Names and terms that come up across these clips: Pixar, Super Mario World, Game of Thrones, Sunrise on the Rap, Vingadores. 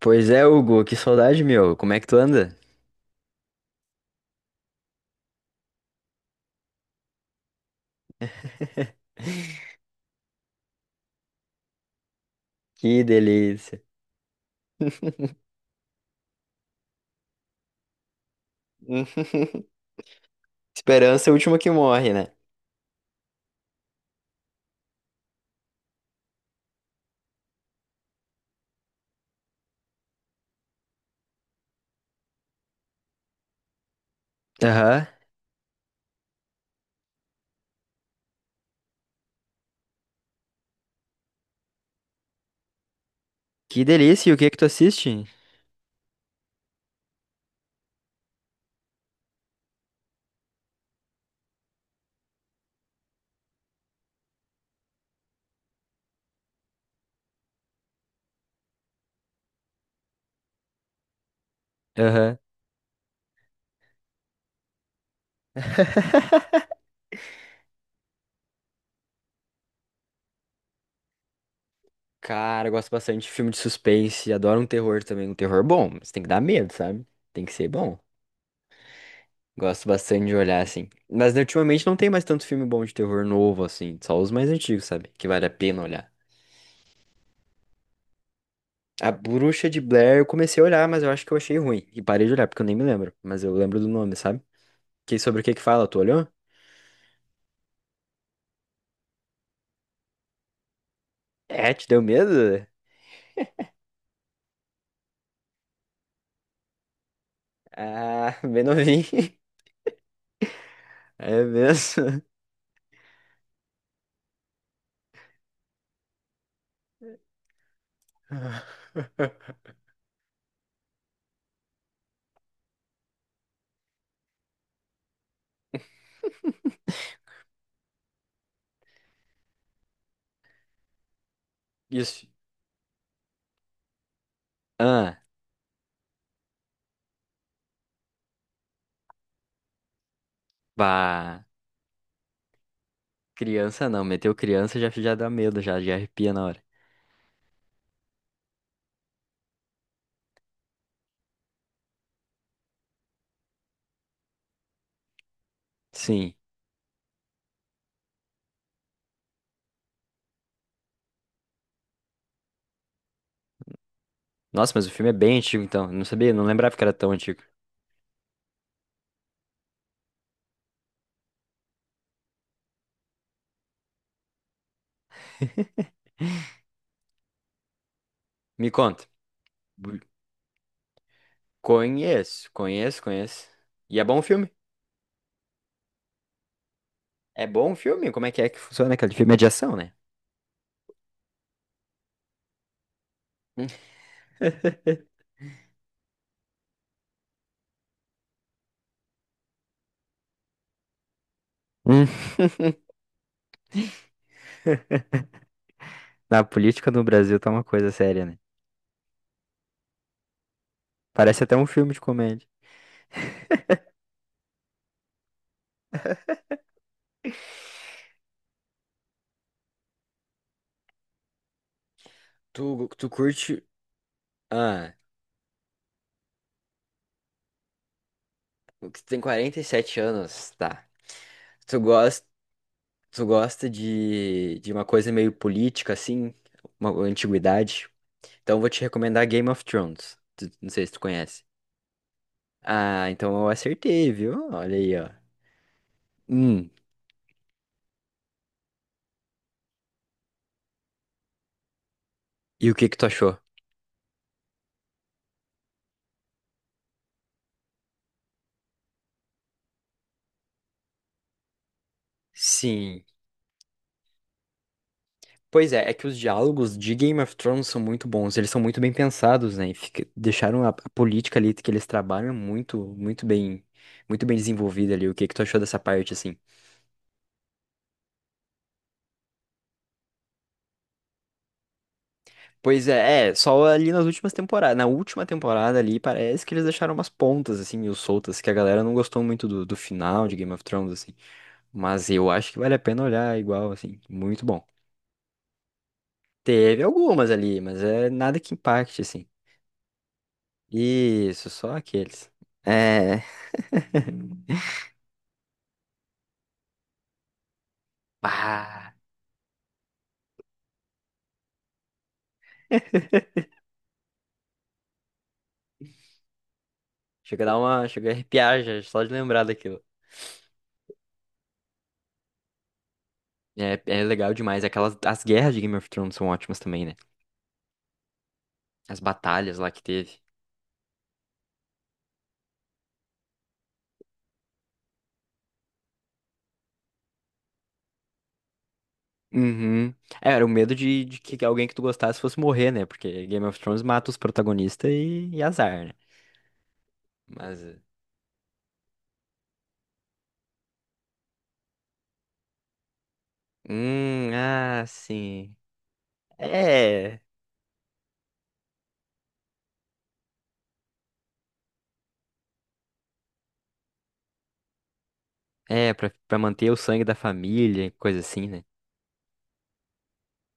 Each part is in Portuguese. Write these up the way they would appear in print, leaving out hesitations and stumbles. Pois é, Hugo, que saudade, meu. Como é que tu anda? Que delícia. Esperança é o último que morre, né? Aham. Que delícia. E o que que tu assiste? Aham. Cara, eu gosto bastante de filme de suspense. Adoro um terror também. Um terror bom, mas tem que dar medo, sabe? Tem que ser bom. Gosto bastante de olhar assim. Mas né, ultimamente não tem mais tanto filme bom de terror novo assim. Só os mais antigos, sabe? Que vale a pena olhar. A Bruxa de Blair eu comecei a olhar, mas eu acho que eu achei ruim. E parei de olhar, porque eu nem me lembro. Mas eu lembro do nome, sabe? Que sobre o que que fala? Tu olhou? É, te deu medo? Ah, bem novinho. É mesmo? Isso. Ah, bah. Criança não, meteu criança já, já dá medo, já, já arrepia na hora. Sim. Nossa, mas o filme é bem antigo então. Não sabia, não lembrava que era tão antigo. Me conta. Bu- Conheço, conheço, conheço. E é bom o filme? É bom o filme? Como é que funciona aquele filme? É de ação, né? Hum. Hum, Na política no Brasil tá uma coisa séria, né? Parece até um filme de comédia. Tu curte. Ah, tu tem 47 anos, tá. Tu gosta, tu gosta de uma coisa meio política, assim, uma antiguidade. Então eu vou te recomendar Game of Thrones. Não sei se tu conhece. Ah, então eu acertei, viu? Olha aí, ó. Hum, e o que que tu achou? Sim. Pois é, é que os diálogos de Game of Thrones são muito bons, eles são muito bem pensados, né? E deixaram a política ali que eles trabalham muito, muito bem desenvolvida ali. O que que tu achou dessa parte, assim? Pois é, só ali nas últimas temporadas, na última temporada ali, parece que eles deixaram umas pontas, assim, meio soltas, que a galera não gostou muito do final de Game of Thrones, assim. Mas eu acho que vale a pena olhar igual, assim, muito bom. Teve algumas ali, mas é nada que impacte, assim. Isso, só aqueles. É. Pá! Chega a dar uma. Chega a arrepiar já, só de lembrar daquilo. É, é legal demais. Aquelas, as guerras de Game of Thrones são ótimas também, né? As batalhas lá que teve. Uhum. É, era o medo de que alguém que tu gostasse fosse morrer, né? Porque Game of Thrones mata os protagonistas e azar, né? Mas. eh, ah, sim. É. É, pra manter o sangue da família, coisa assim, né?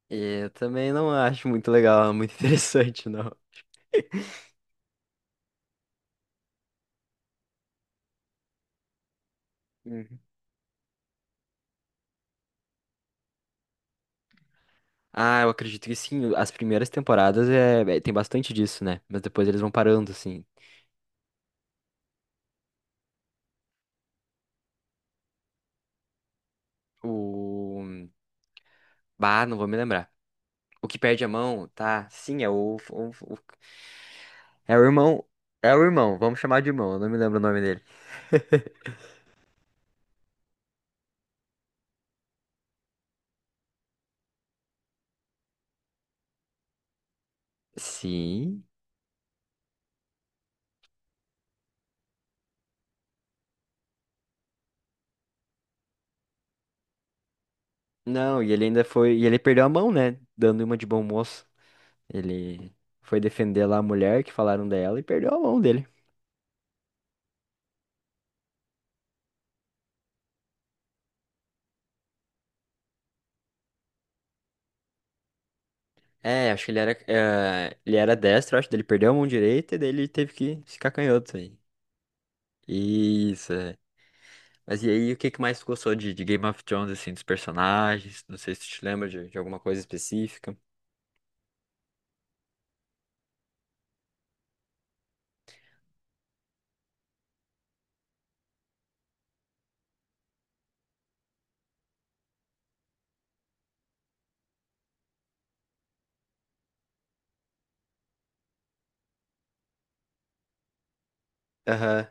Eu também não acho muito legal, muito interessante, não. Ah, eu acredito que sim. As primeiras temporadas é tem bastante disso, né? Mas depois eles vão parando, assim. O. Bah, não vou me lembrar. O que perde a mão, tá? Sim, É o irmão. É o irmão, vamos chamar de irmão, eu não me lembro o nome dele. Sim. Não, e ele ainda foi. E ele perdeu a mão, né? Dando uma de bom moço. Ele foi defender lá a mulher que falaram dela e perdeu a mão dele. É, acho que ele era. Ele era destro, acho que ele perdeu a mão direita e daí ele teve que ficar canhoto aí. Isso, é. Mas e aí, o que que mais tu gostou de Game of Thrones, assim, dos personagens? Não sei se tu te lembra de alguma coisa específica. Aham.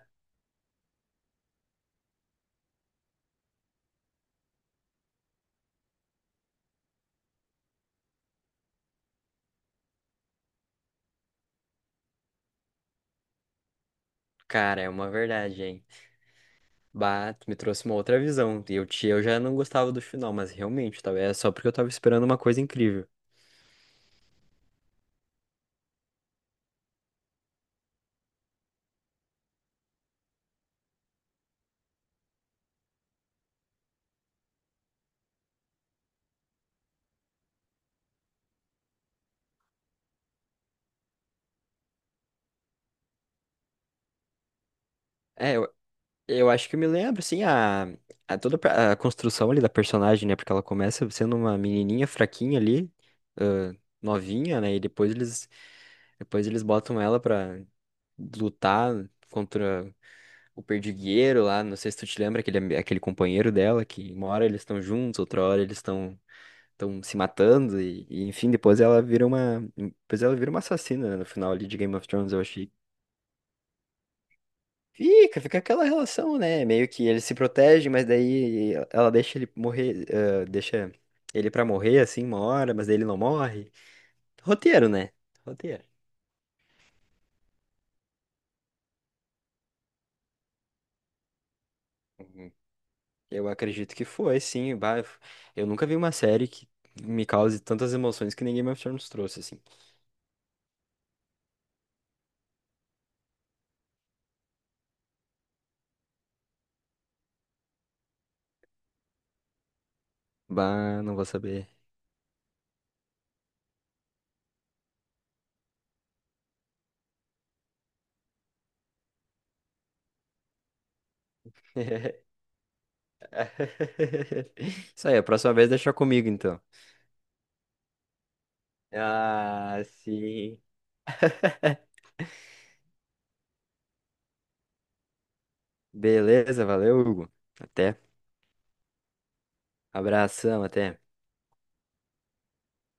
Cara, é uma verdade, hein? Bah, tu me trouxe uma outra visão. Eu já não gostava do final, mas realmente, talvez é só porque eu tava esperando uma coisa incrível. É, eu acho que eu me lembro, assim, a toda a construção ali da personagem, né? Porque ela começa sendo uma menininha fraquinha ali, ãh, novinha, né? E depois eles botam ela pra lutar contra o perdigueiro lá, não sei se tu te lembra, aquele companheiro dela, que uma hora eles estão juntos, outra hora eles estão se matando, e, enfim, depois ela vira uma assassina, né, no final ali de Game of Thrones, eu achei. Fica aquela relação, né? Meio que ele se protege, mas daí ela deixa ele morrer, ah, deixa ele pra morrer assim uma hora, mas daí ele não morre. Roteiro, né? Roteiro. Uhum. Eu acredito que foi, sim. Bah, eu nunca vi uma série que me cause tantas emoções que nem Game of Thrones trouxe, assim. Bah, não vou saber. Isso aí, a próxima vez deixa comigo, então. Ah, sim. Beleza, valeu, Hugo. Até. Abração, até.